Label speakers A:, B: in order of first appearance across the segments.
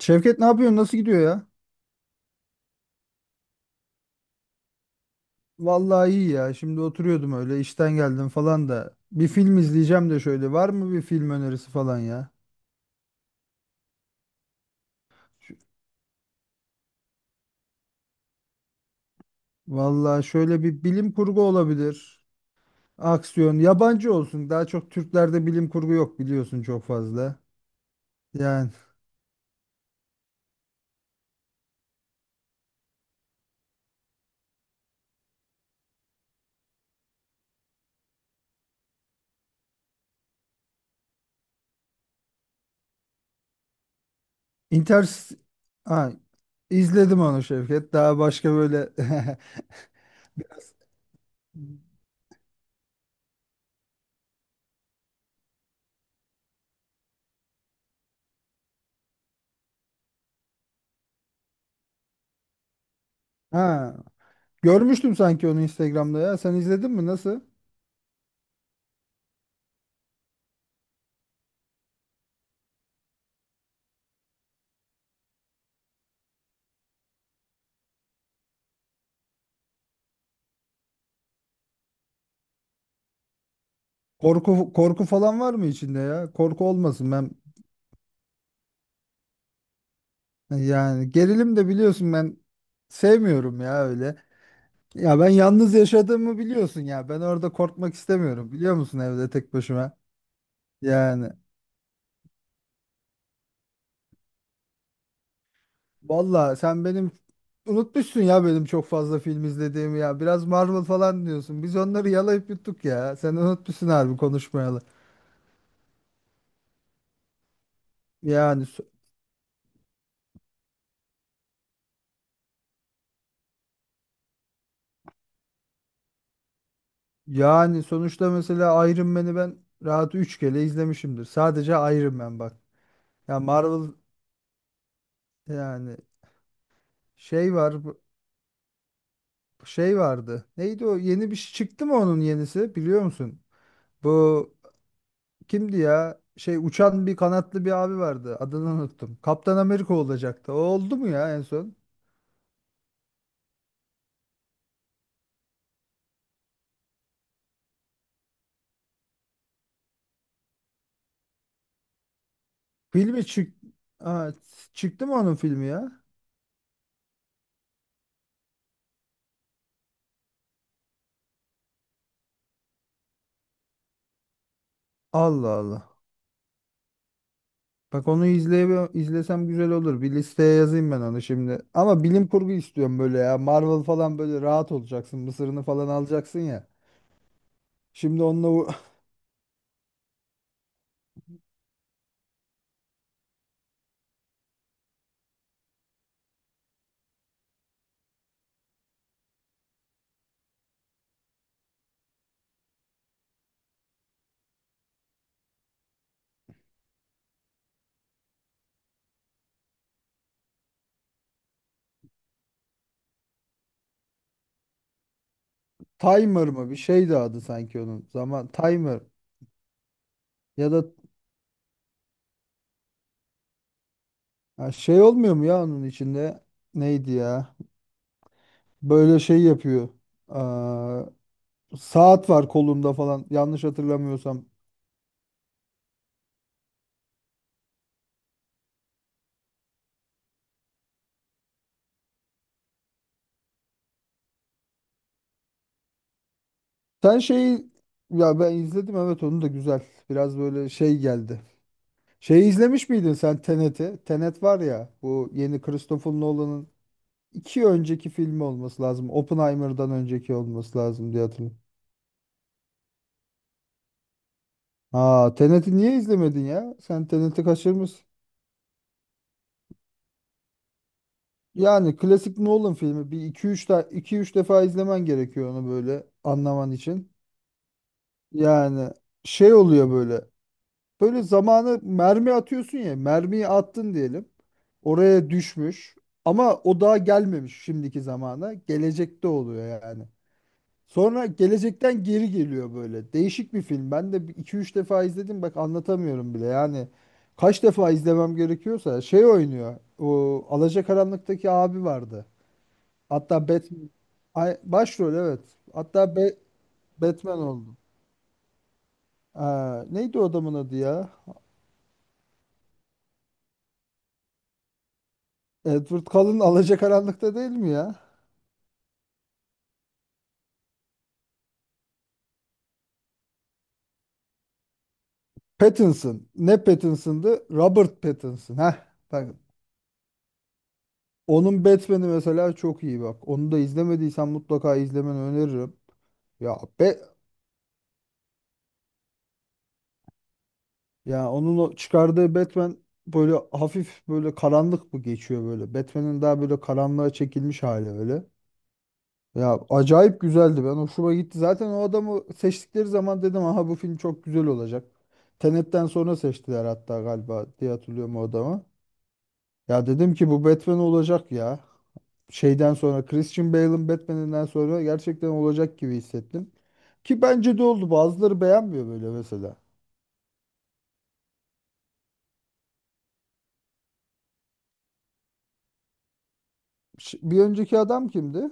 A: Şevket, ne yapıyorsun? Nasıl gidiyor ya? Vallahi iyi ya. Şimdi oturuyordum öyle, işten geldim falan da. Bir film izleyeceğim de şöyle. Var mı bir film önerisi falan ya? Şu- Vallahi şöyle bir bilim kurgu olabilir. Aksiyon. Yabancı olsun. Daha çok Türklerde bilim kurgu yok biliyorsun, çok fazla. Yani Inter... Ha, izledim onu Şevket. Daha başka böyle. Ha, görmüştüm sanki onu Instagram'da ya. Sen izledin mi? Nasıl? Korku korku falan var mı içinde ya? Korku olmasın. Yani gerilim de biliyorsun ben sevmiyorum ya öyle. Ya, ben yalnız yaşadığımı biliyorsun ya. Ben orada korkmak istemiyorum, biliyor musun, evde tek başıma. Yani valla sen benim unutmuşsun ya, benim çok fazla film izlediğimi ya. Biraz Marvel falan diyorsun. Biz onları yalayıp yuttuk ya. Sen unutmuşsun harbi konuşmayalı. Yani so- yani sonuçta mesela Iron Man'i ben rahat 3 kere izlemişimdir. Sadece Iron Man bak. Ya Marvel yani, şey var. Şey vardı. Neydi o? Yeni bir şey çıktı mı, onun yenisi? Biliyor musun? Bu kimdi ya? Şey, uçan bir kanatlı bir abi vardı. Adını unuttum. Kaptan Amerika olacaktı. O oldu mu ya en son? Filmi çık Aa, çıktı mı onun filmi ya? Allah Allah. Bak, onu izleye izlesem güzel olur. Bir listeye yazayım ben onu şimdi. Ama bilim kurgu istiyorum böyle ya. Marvel falan böyle rahat olacaksın. Mısırını falan alacaksın ya. Şimdi onunla u- Timer mı? Bir şeydi adı sanki onun. Zaman Timer. Ya da Ya, şey olmuyor mu ya onun içinde? Neydi ya? Böyle şey yapıyor. Aa, saat var kolunda falan. Yanlış hatırlamıyorsam. Sen şeyi Ya ben izledim, evet, onu da güzel. Biraz böyle şey geldi. Şeyi izlemiş miydin sen, Tenet'i? Tenet var ya, bu yeni Christopher Nolan'ın iki önceki filmi olması lazım. Oppenheimer'dan önceki olması lazım diye hatırlıyorum. Aa, Tenet'i niye izlemedin ya? Sen Tenet'i kaçırmışsın. Yani klasik Nolan filmi, bir iki üç de iki üç defa izlemen gerekiyor onu böyle anlaman için. Yani şey oluyor böyle. Böyle zamanı mermi atıyorsun ya. Mermiyi attın diyelim. Oraya düşmüş. Ama o daha gelmemiş şimdiki zamana. Gelecekte oluyor yani. Sonra gelecekten geri geliyor böyle. Değişik bir film. Ben de iki üç defa izledim. Bak, anlatamıyorum bile. Yani kaç defa izlemem gerekiyorsa şey oynuyor. O Alacakaranlık'taki abi vardı. Hatta Batman Ay, başrol, evet. Hatta Batman oldu. Aa, neydi o adamın adı ya? Edward Cullen Alacakaranlık'ta değil mi ya? Pattinson. Ne Pattinson'dı? Robert Pattinson. Heh, bak. Onun Batman'i mesela çok iyi, bak. Onu da izlemediysen mutlaka izlemeni öneririm. Ya be Ya, onun o çıkardığı Batman böyle hafif böyle karanlık mı geçiyor böyle. Batman'in daha böyle karanlığa çekilmiş hali öyle. Ya, acayip güzeldi. Ben hoşuma gitti. Zaten o adamı seçtikleri zaman dedim, aha, bu film çok güzel olacak. Tenet'ten sonra seçtiler hatta galiba diye hatırlıyorum o adamı. Ya dedim ki bu Batman olacak ya. Şeyden sonra, Christian Bale'ın Batman'inden sonra gerçekten olacak gibi hissettim. Ki bence de oldu. Bazıları beğenmiyor böyle mesela. Bir önceki adam kimdi?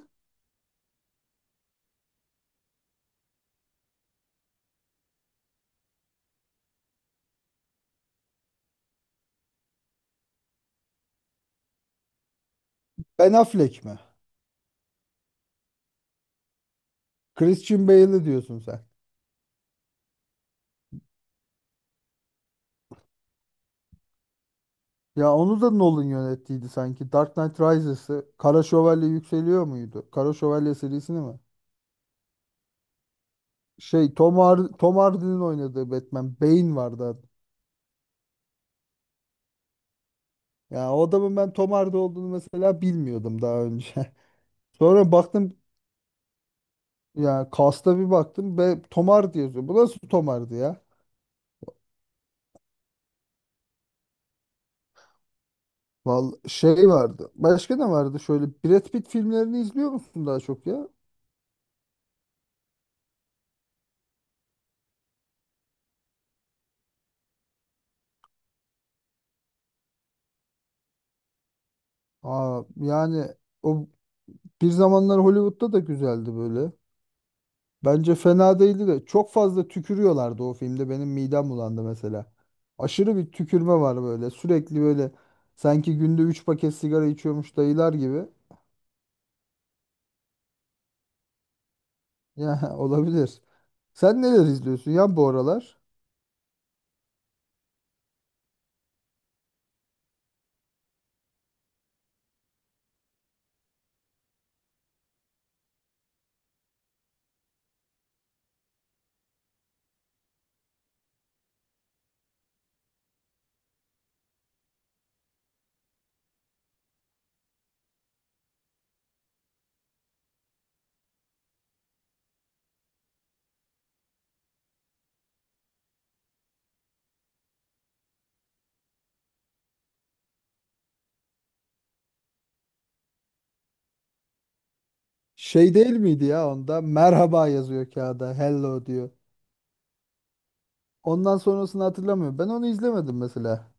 A: Ben Affleck mi? Christian Bale'ı diyorsun sen. Ya onu da Nolan yönettiydi sanki. Dark Knight Rises'ı. Kara Şövalye Yükseliyor muydu? Kara Şövalye serisini mi? Tom Hardy'nin oynadığı Batman. Bane vardı adı. Ya o adamın ben Tom Hardy olduğunu mesela bilmiyordum daha önce. Sonra baktım, ya cast'a bir baktım ve Tom Hardy yazıyor. Bu nasıl Tom Hardy ya? Vallahi şey vardı. Başka ne vardı? Şöyle Brad Pitt filmlerini izliyor musun daha çok ya? Aa, yani o Bir Zamanlar Hollywood'da da güzeldi böyle. Bence fena değildi de çok fazla tükürüyorlardı o filmde. Benim midem bulandı mesela. Aşırı bir tükürme var böyle. Sürekli böyle, sanki günde 3 paket sigara içiyormuş dayılar gibi. Ya, olabilir. Sen neler izliyorsun ya bu aralar? Şey değil miydi ya onda? Merhaba yazıyor kağıda. Hello diyor. Ondan sonrasını hatırlamıyorum. Ben onu izlemedim mesela.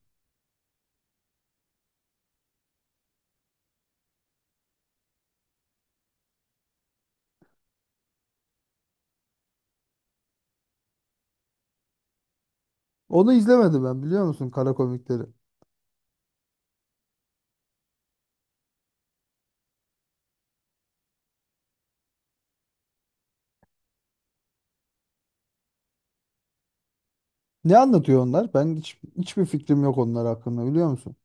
A: Onu izlemedim ben, biliyor musun, kara komikleri. Ne anlatıyor onlar? Ben hiç, hiçbir fikrim yok onlar hakkında biliyor musun?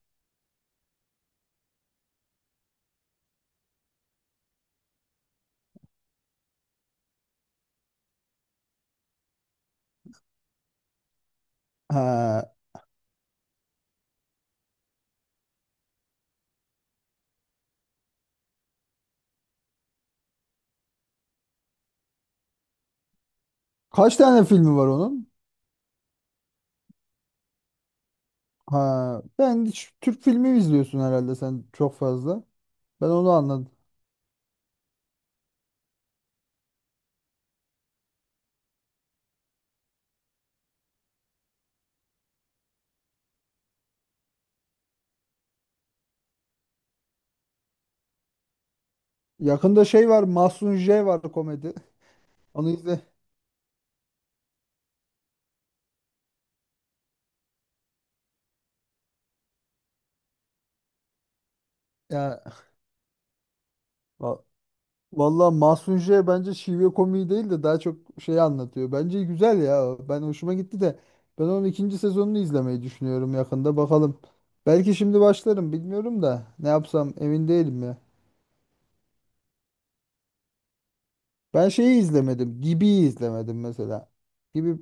A: Ha, kaç tane filmi var onun? Ha, ben hiç. Türk filmi izliyorsun herhalde sen çok fazla. Ben onu anladım. Yakında şey var, Mahsun J var, komedi. Onu izle. Ya va- Vallahi Mahsun J bence şive komiği değil de daha çok şey anlatıyor. Bence güzel ya, o. Ben hoşuma gitti de ben onun ikinci sezonunu izlemeyi düşünüyorum yakında. Bakalım. Belki şimdi başlarım, bilmiyorum da ne yapsam emin değilim ya. Ben şeyi izlemedim. Gibi'yi izlemedim mesela. Gibi.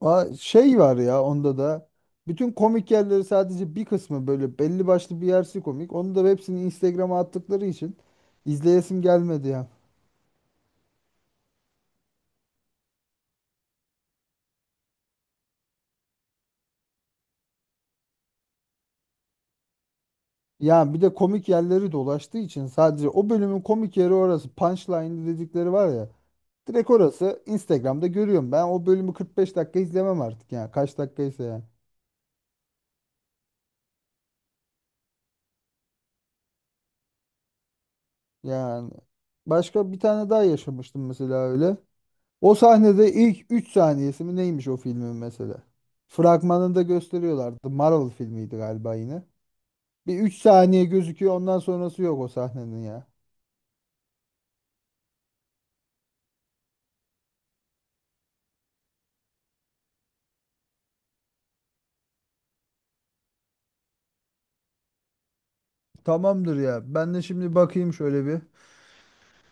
A: Aa, şey var ya onda da bütün komik yerleri, sadece bir kısmı böyle belli başlı bir yersi komik. Onu da hepsini Instagram'a attıkları için izleyesim gelmedi ya. Ya bir de komik yerleri dolaştığı için sadece o bölümün komik yeri orası. Punchline dedikleri var ya. Direkt orası, Instagram'da görüyorum. Ben o bölümü 45 dakika izlemem artık ya. Kaç dakikaysa ya. Yani başka bir tane daha yaşamıştım mesela öyle. O sahnede ilk 3 saniyesi mi neymiş o filmin mesela? Fragmanında gösteriyorlardı. Marvel filmiydi galiba yine. Bir 3 saniye gözüküyor, ondan sonrası yok o sahnenin ya. Tamamdır ya. Ben de şimdi bakayım şöyle bir.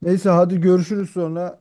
A: Neyse hadi görüşürüz sonra.